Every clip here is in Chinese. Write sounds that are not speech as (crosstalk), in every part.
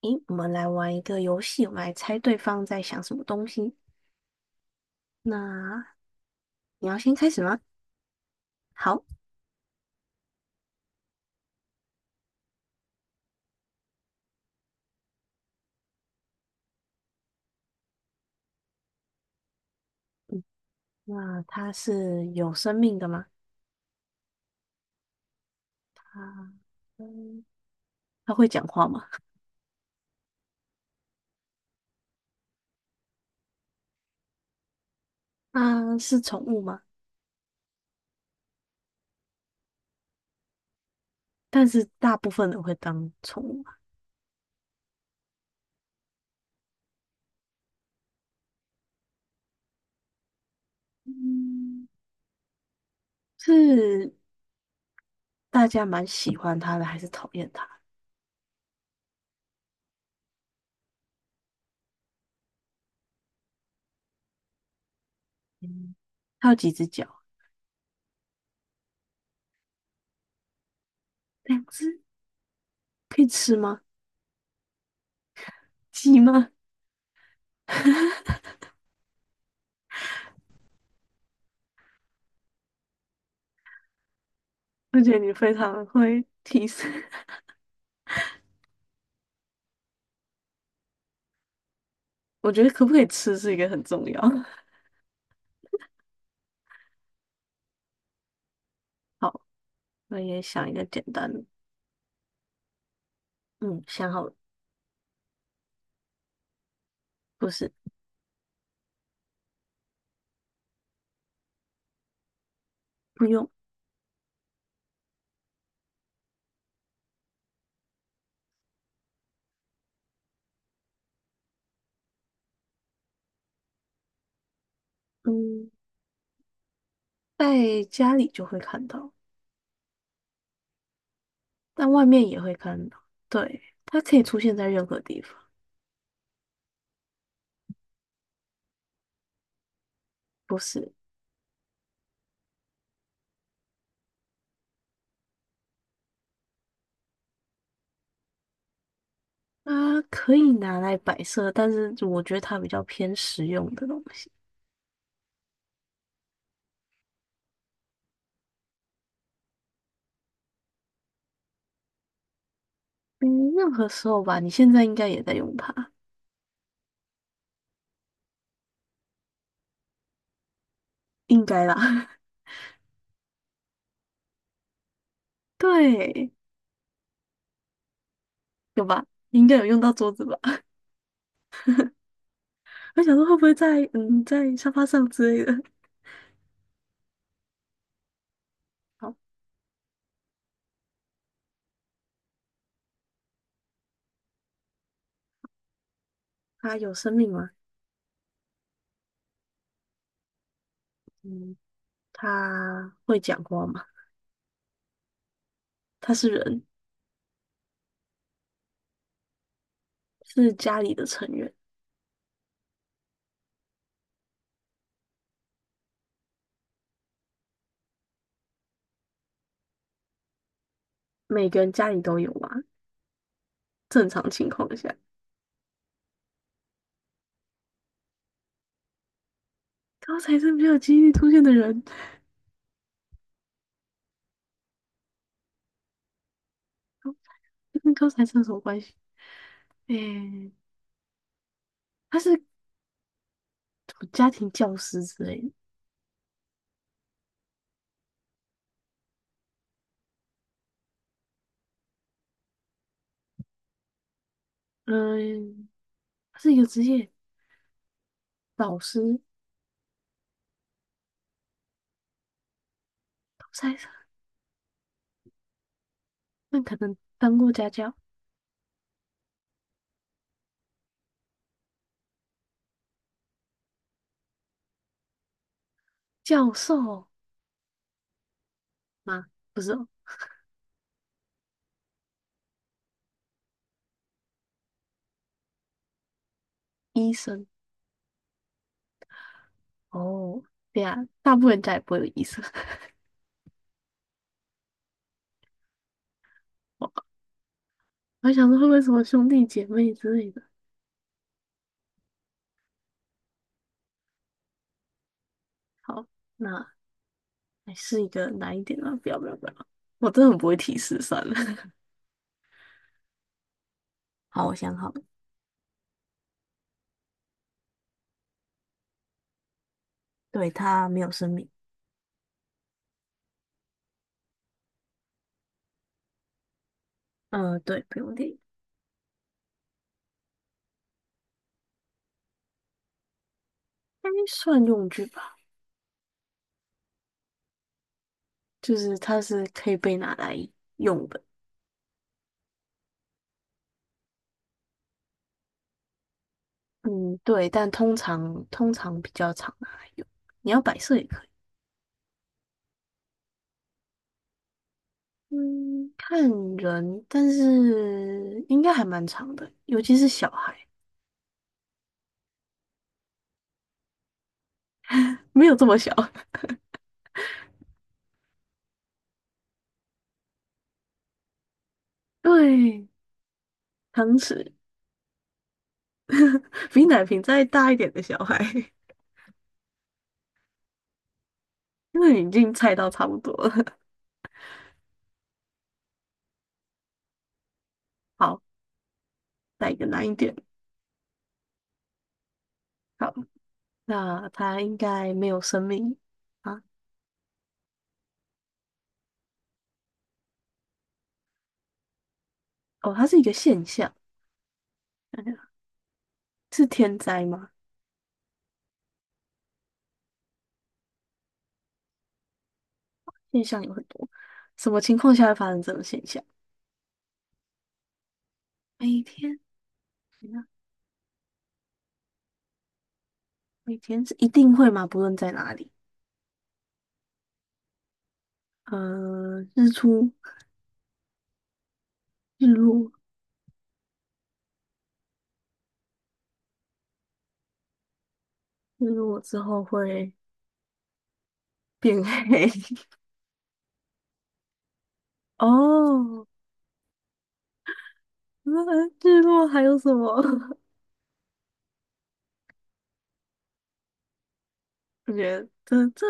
诶，我们来玩一个游戏，我们来猜对方在想什么东西。那你要先开始吗？好，那它是有生命的吗？啊，嗯，它会讲话吗？啊，是宠物吗？但是大部分人会当宠物吗？嗯，是大家蛮喜欢它的，还是讨厌它？嗯，它有几只脚？两只，可以吃吗？鸡吗？(laughs) 我觉得你非常会提示，(laughs) 我觉得可不可以吃是一个很重要。(laughs) 好，我也想一个简单的，嗯，想好了，不是，不用，嗯，在家里就会看到，但外面也会看到。对，它可以出现在任何地方，不是，它可以拿来摆设，但是我觉得它比较偏实用的东西。嗯，任何时候吧，你现在应该也在用它，应该啦。(laughs) 对，有吧？你应该有用到桌子吧？(laughs) 我想说会不会在在沙发上之类的。(laughs) 好，它有生命吗？嗯，它会讲话吗？他是人，是家里的成员，每个人家里都有嘛。正常情况下，高材生比较有几率出现的人，这跟高材生有什么关系？诶、他是家庭教师之类的，嗯，他是一个职业老师，高材生，那可能当过家教、教授吗？不是哦，医生哦，对呀，大部分人家也不会有医生。(laughs) 我我想说会不会什么兄弟姐妹之类的？好，那还是一个难一点啊！不要不要不要，我真的很不会提示，算了。(laughs) 好，我想好了，对，它没有生命。嗯、呃对，不用电，应该算用具吧，就是它是可以被拿来用的。嗯，对，但通常比较常拿来用，你要摆设也可以。嗯，看人，但是应该还蛮长的，尤其是小孩，没有这么小。(laughs) 对，汤匙 (laughs) 比奶瓶再大一点的小孩，(laughs) 因为你已经猜到差不多了。好，来一个难一点。好，那它应该没有生命啊？哦，它是一个现象，想想是天灾吗？现象有很多，什么情况下会发生这种现象？每天，每天是一定会吗？不论在哪里，呃，日出、日落，日落之后会变黑。(laughs) 哦，那日落还有什么？(laughs) 我觉得这，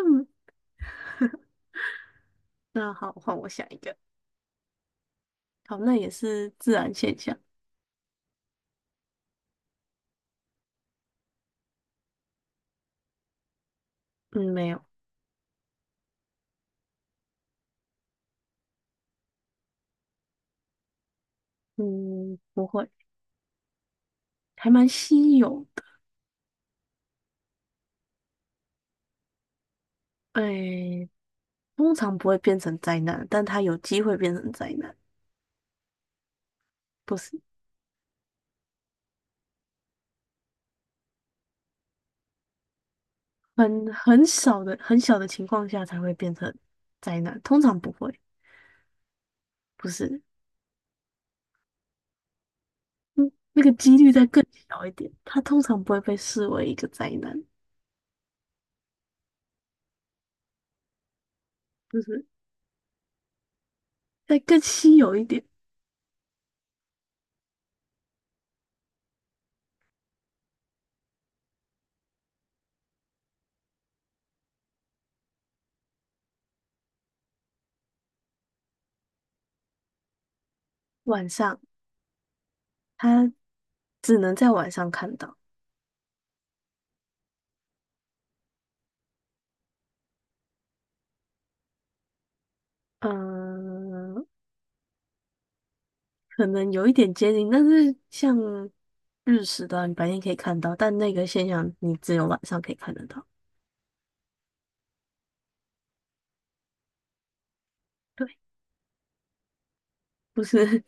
那好，换我想一个。好，那也是自然现象。嗯，没有。嗯，不会，还蛮稀有的。哎，通常不会变成灾难，但它有机会变成灾难，不是很小的情况下才会变成灾难，通常不会，不是。嗯，那个几率再更小一点，它通常不会被视为一个灾难，就是再更稀有一点。晚上，它只能在晚上看到。嗯，可能有一点接近，但是像日食的啊你白天可以看到，但那个现象你只有晚上可以看得到。对，不是，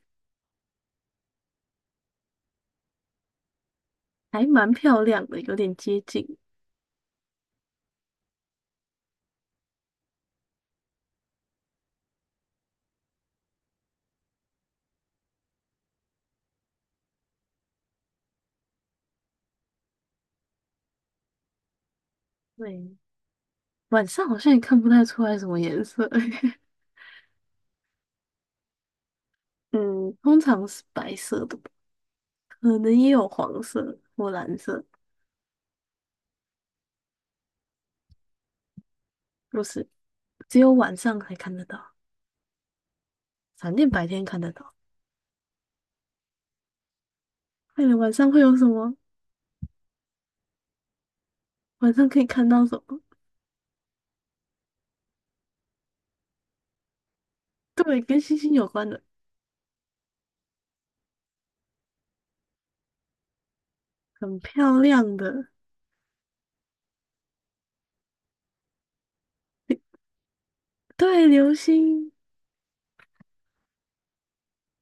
(laughs) 还蛮漂亮的，有点接近。对，晚上好像也看不太出来什么颜色。(laughs) 嗯，通常是白色的吧可能也有黄色或蓝色，不是，只有晚上才看得到，闪电白天看得到。快点，晚上会有什么？晚上可以看到什么？对，跟星星有关的，很漂亮的。对，流星，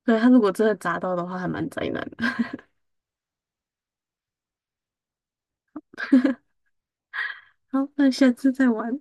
对，他如果真的砸到的话，还蛮灾难的。(laughs) 好，那下次再玩。